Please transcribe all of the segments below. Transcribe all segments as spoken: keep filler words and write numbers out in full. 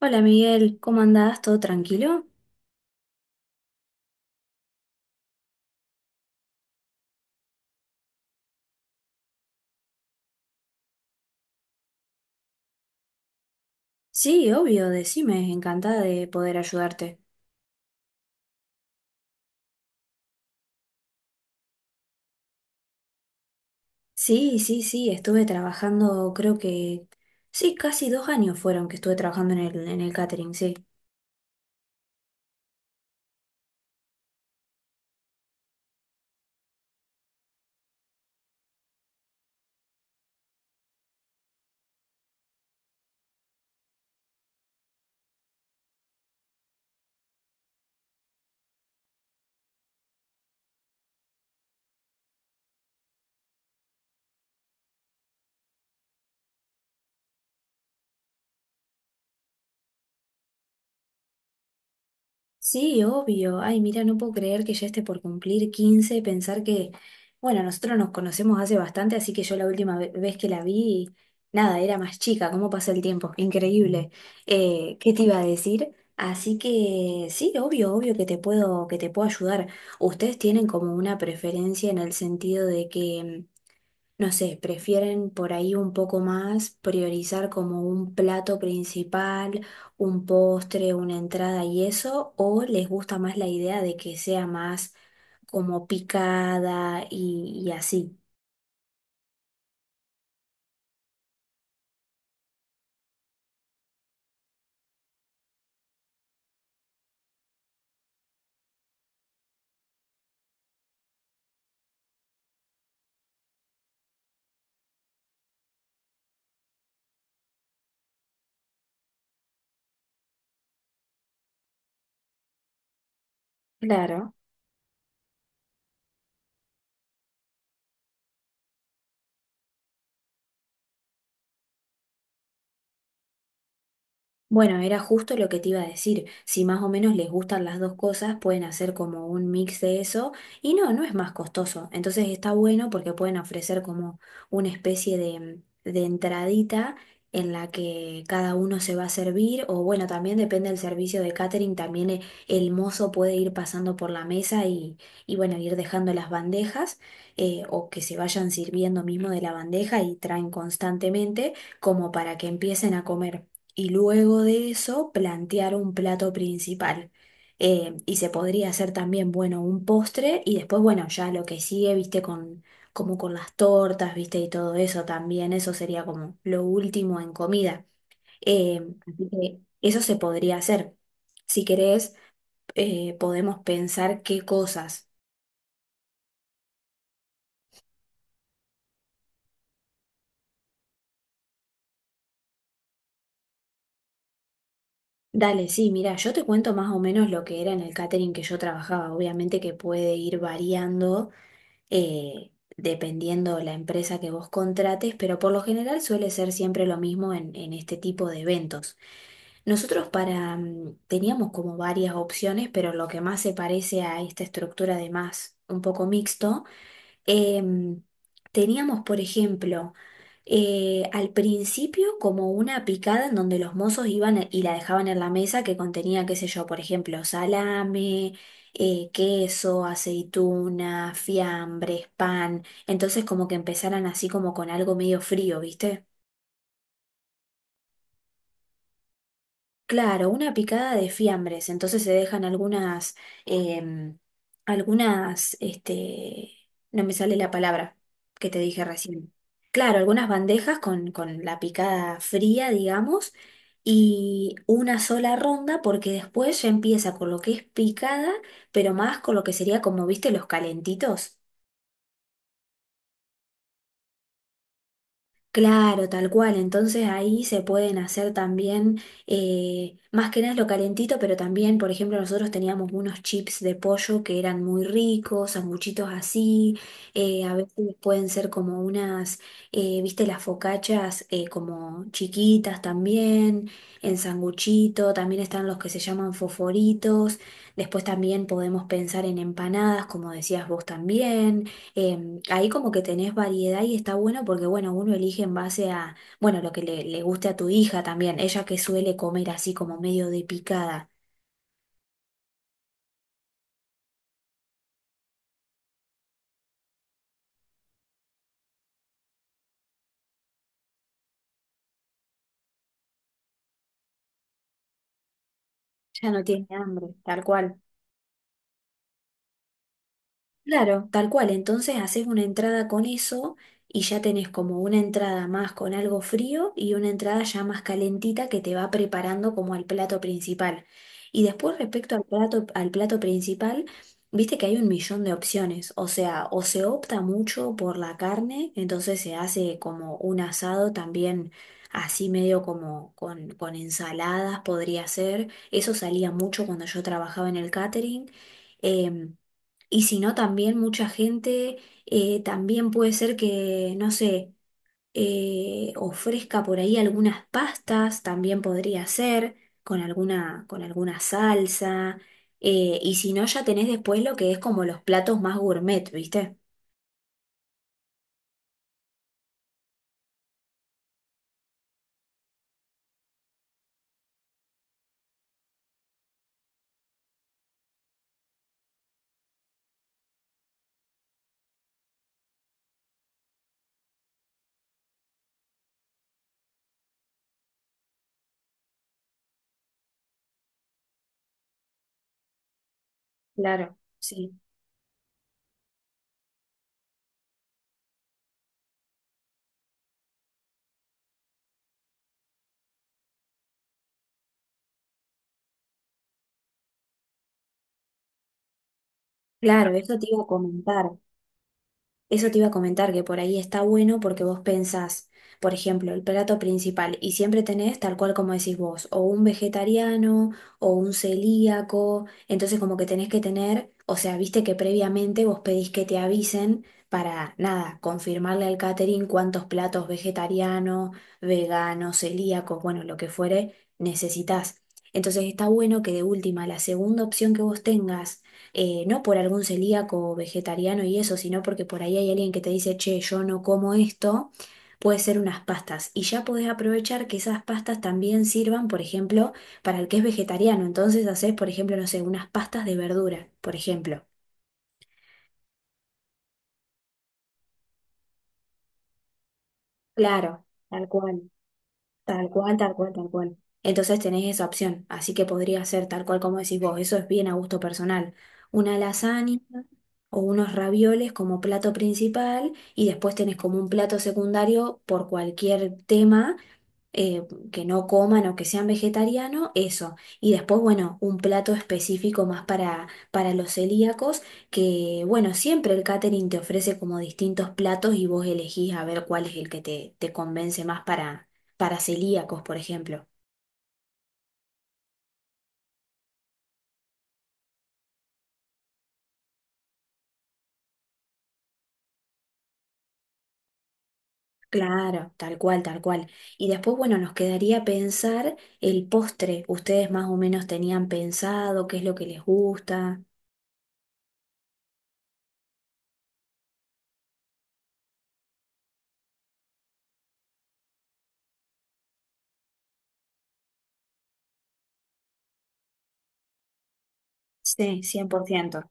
Hola Miguel, ¿cómo andás? ¿Todo tranquilo? Sí, obvio, decime, encantada de poder ayudarte. Sí, sí, sí, estuve trabajando, creo que... Sí, casi dos años fueron que estuve trabajando en el, en el catering, sí. Sí, obvio. Ay, mira, no puedo creer que ya esté por cumplir quince, pensar que, bueno, nosotros nos conocemos hace bastante, así que yo la última ve- vez que la vi, nada, era más chica, cómo pasa el tiempo, increíble. Eh, ¿qué te iba a decir? Así que sí, obvio, obvio que te puedo, que te puedo ayudar. ¿Ustedes tienen como una preferencia en el sentido de que no sé, prefieren por ahí un poco más priorizar como un plato principal, un postre, una entrada y eso, o les gusta más la idea de que sea más como picada y, y así? Claro. Bueno, era justo lo que te iba a decir. Si más o menos les gustan las dos cosas, pueden hacer como un mix de eso. Y no, no es más costoso. Entonces está bueno porque pueden ofrecer como una especie de, de entradita en la que cada uno se va a servir. O bueno, también depende del servicio de catering. También e- el mozo puede ir pasando por la mesa y, y bueno, ir dejando las bandejas. Eh, o que se vayan sirviendo mismo de la bandeja y traen constantemente como para que empiecen a comer y luego de eso plantear un plato principal. Eh, y se podría hacer también, bueno, un postre y después, bueno, ya lo que sigue, viste, con, como con las tortas, viste, y todo eso también, eso sería como lo último en comida. Eh, Así que eso se podría hacer. Si querés, eh, podemos pensar qué cosas. Dale, sí, mira, yo te cuento más o menos lo que era en el catering que yo trabajaba. Obviamente que puede ir variando, eh, dependiendo la empresa que vos contrates, pero por lo general suele ser siempre lo mismo en, en este tipo de eventos. Nosotros para, mm, teníamos como varias opciones, pero lo que más se parece a esta estructura de más un poco mixto. Em, Teníamos, por ejemplo, eh, al principio como una picada en donde los mozos iban a- y la dejaban en la mesa que contenía, qué sé yo, por ejemplo, salame, eh, queso, aceituna, fiambres, pan. Entonces como que empezaran así como con algo medio frío, ¿viste? Claro, una picada de fiambres, entonces se dejan algunas, em, algunas, este, no me sale la palabra que te dije recién. Claro, algunas bandejas con, con la picada fría, digamos, y una sola ronda porque después ya empieza con lo que es picada, pero más con lo que sería como, viste, los calentitos. Claro, tal cual. Entonces ahí se pueden hacer también, eh, más que nada es lo calentito, pero también, por ejemplo, nosotros teníamos unos chips de pollo que eran muy ricos, sanguchitos así, eh, a veces pueden ser como unas, eh, viste, las focachas, eh, como chiquitas también, en sanguchito, también están los que se llaman foforitos, después también podemos pensar en empanadas, como decías vos también. Em, ahí como que tenés variedad y está bueno porque, bueno, uno elige en base a, bueno, lo que le, le guste a tu hija también, ella que suele comer así como medio de picada, ya no tiene hambre, tal cual. Claro, tal cual. Entonces haces una entrada con eso y ya tenés como una entrada más con algo frío y una entrada ya más calentita que te va preparando como al plato principal. Y después respecto al plato, al plato principal, viste que hay un millón de opciones. O sea, o se opta mucho por la carne, entonces se hace como un asado también así medio como con, con ensaladas podría ser. Eso salía mucho cuando yo trabajaba en el catering. em, y si no, también mucha gente, eh, también puede ser que, no sé, eh, ofrezca por ahí algunas pastas, también podría ser, con alguna, con alguna salsa. Eh, y si no, ya tenés después lo que es como los platos más gourmet, ¿viste? Claro, sí. Claro, eso te iba a comentar. Eso te iba a comentar que por ahí está bueno porque vos pensás, por ejemplo, el plato principal y siempre tenés, tal cual como decís vos, o un vegetariano o un celíaco, entonces como que tenés que tener, o sea, viste que previamente vos pedís que te avisen para, nada, confirmarle al catering cuántos platos vegetarianos, veganos, celíacos, bueno, lo que fuere, necesitas. Entonces está bueno que de última, la segunda opción que vos tengas, eh, no por algún celíaco o vegetariano y eso, sino porque por ahí hay alguien que te dice, che, yo no como esto, puede ser unas pastas. Y ya podés aprovechar que esas pastas también sirvan, por ejemplo, para el que es vegetariano. Entonces haces, por ejemplo, no sé, unas pastas de verdura, por ejemplo. Claro, tal cual. Tal cual, tal cual, tal cual. Entonces tenés esa opción, así que podría ser tal cual como decís vos, eso es bien a gusto personal. Una lasaña o unos ravioles como plato principal y después tenés como un plato secundario por cualquier tema, eh, que no coman o que sean vegetarianos, eso. Y después, bueno, un plato específico más para, para los celíacos, que bueno, siempre el catering te ofrece como distintos platos y vos elegís a ver cuál es el que te, te convence más para, para celíacos, por ejemplo. Claro, tal cual, tal cual. Y después, bueno, nos quedaría pensar el postre. ¿Ustedes más o menos tenían pensado qué es lo que les gusta? Sí, cien por ciento.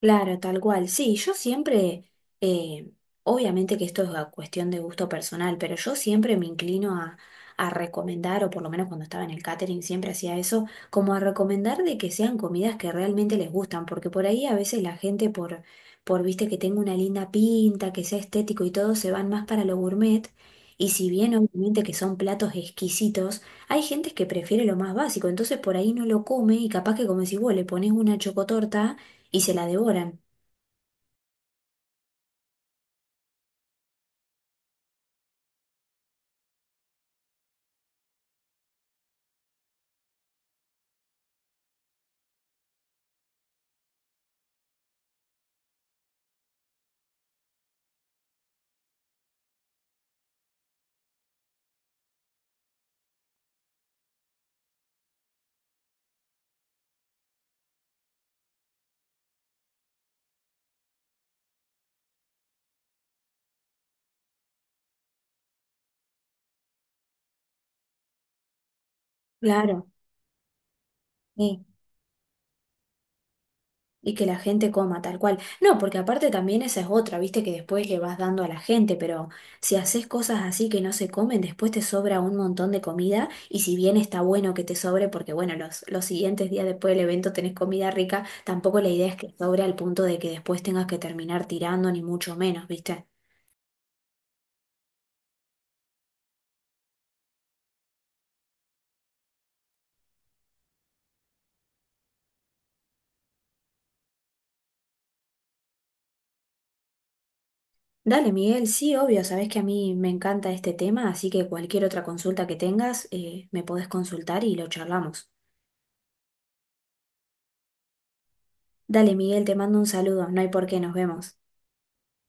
Claro, tal cual. Sí, yo siempre, eh, obviamente que esto es a cuestión de gusto personal, pero yo siempre me inclino a, a recomendar, o por lo menos cuando estaba en el catering siempre hacía eso, como a recomendar de que sean comidas que realmente les gustan, porque por ahí a veces la gente por, por viste que tenga una linda pinta, que sea estético y todo, se van más para lo gourmet. Y si bien obviamente que son platos exquisitos, hay gente que prefiere lo más básico, entonces por ahí no lo come y capaz que como si vos le pones una chocotorta y se la devoran. Claro, sí. Y que la gente coma tal cual. No, porque aparte también esa es otra, viste que después le vas dando a la gente, pero si haces cosas así que no se comen, después te sobra un montón de comida y si bien está bueno que te sobre, porque bueno, los, los siguientes días después del evento tenés comida rica, tampoco la idea es que sobre al punto de que después tengas que terminar tirando, ni mucho menos, viste. Dale, Miguel, sí, obvio, sabés que a mí me encanta este tema, así que cualquier otra consulta que tengas, eh, me podés consultar y lo charlamos. Dale, Miguel, te mando un saludo. No hay por qué, nos vemos.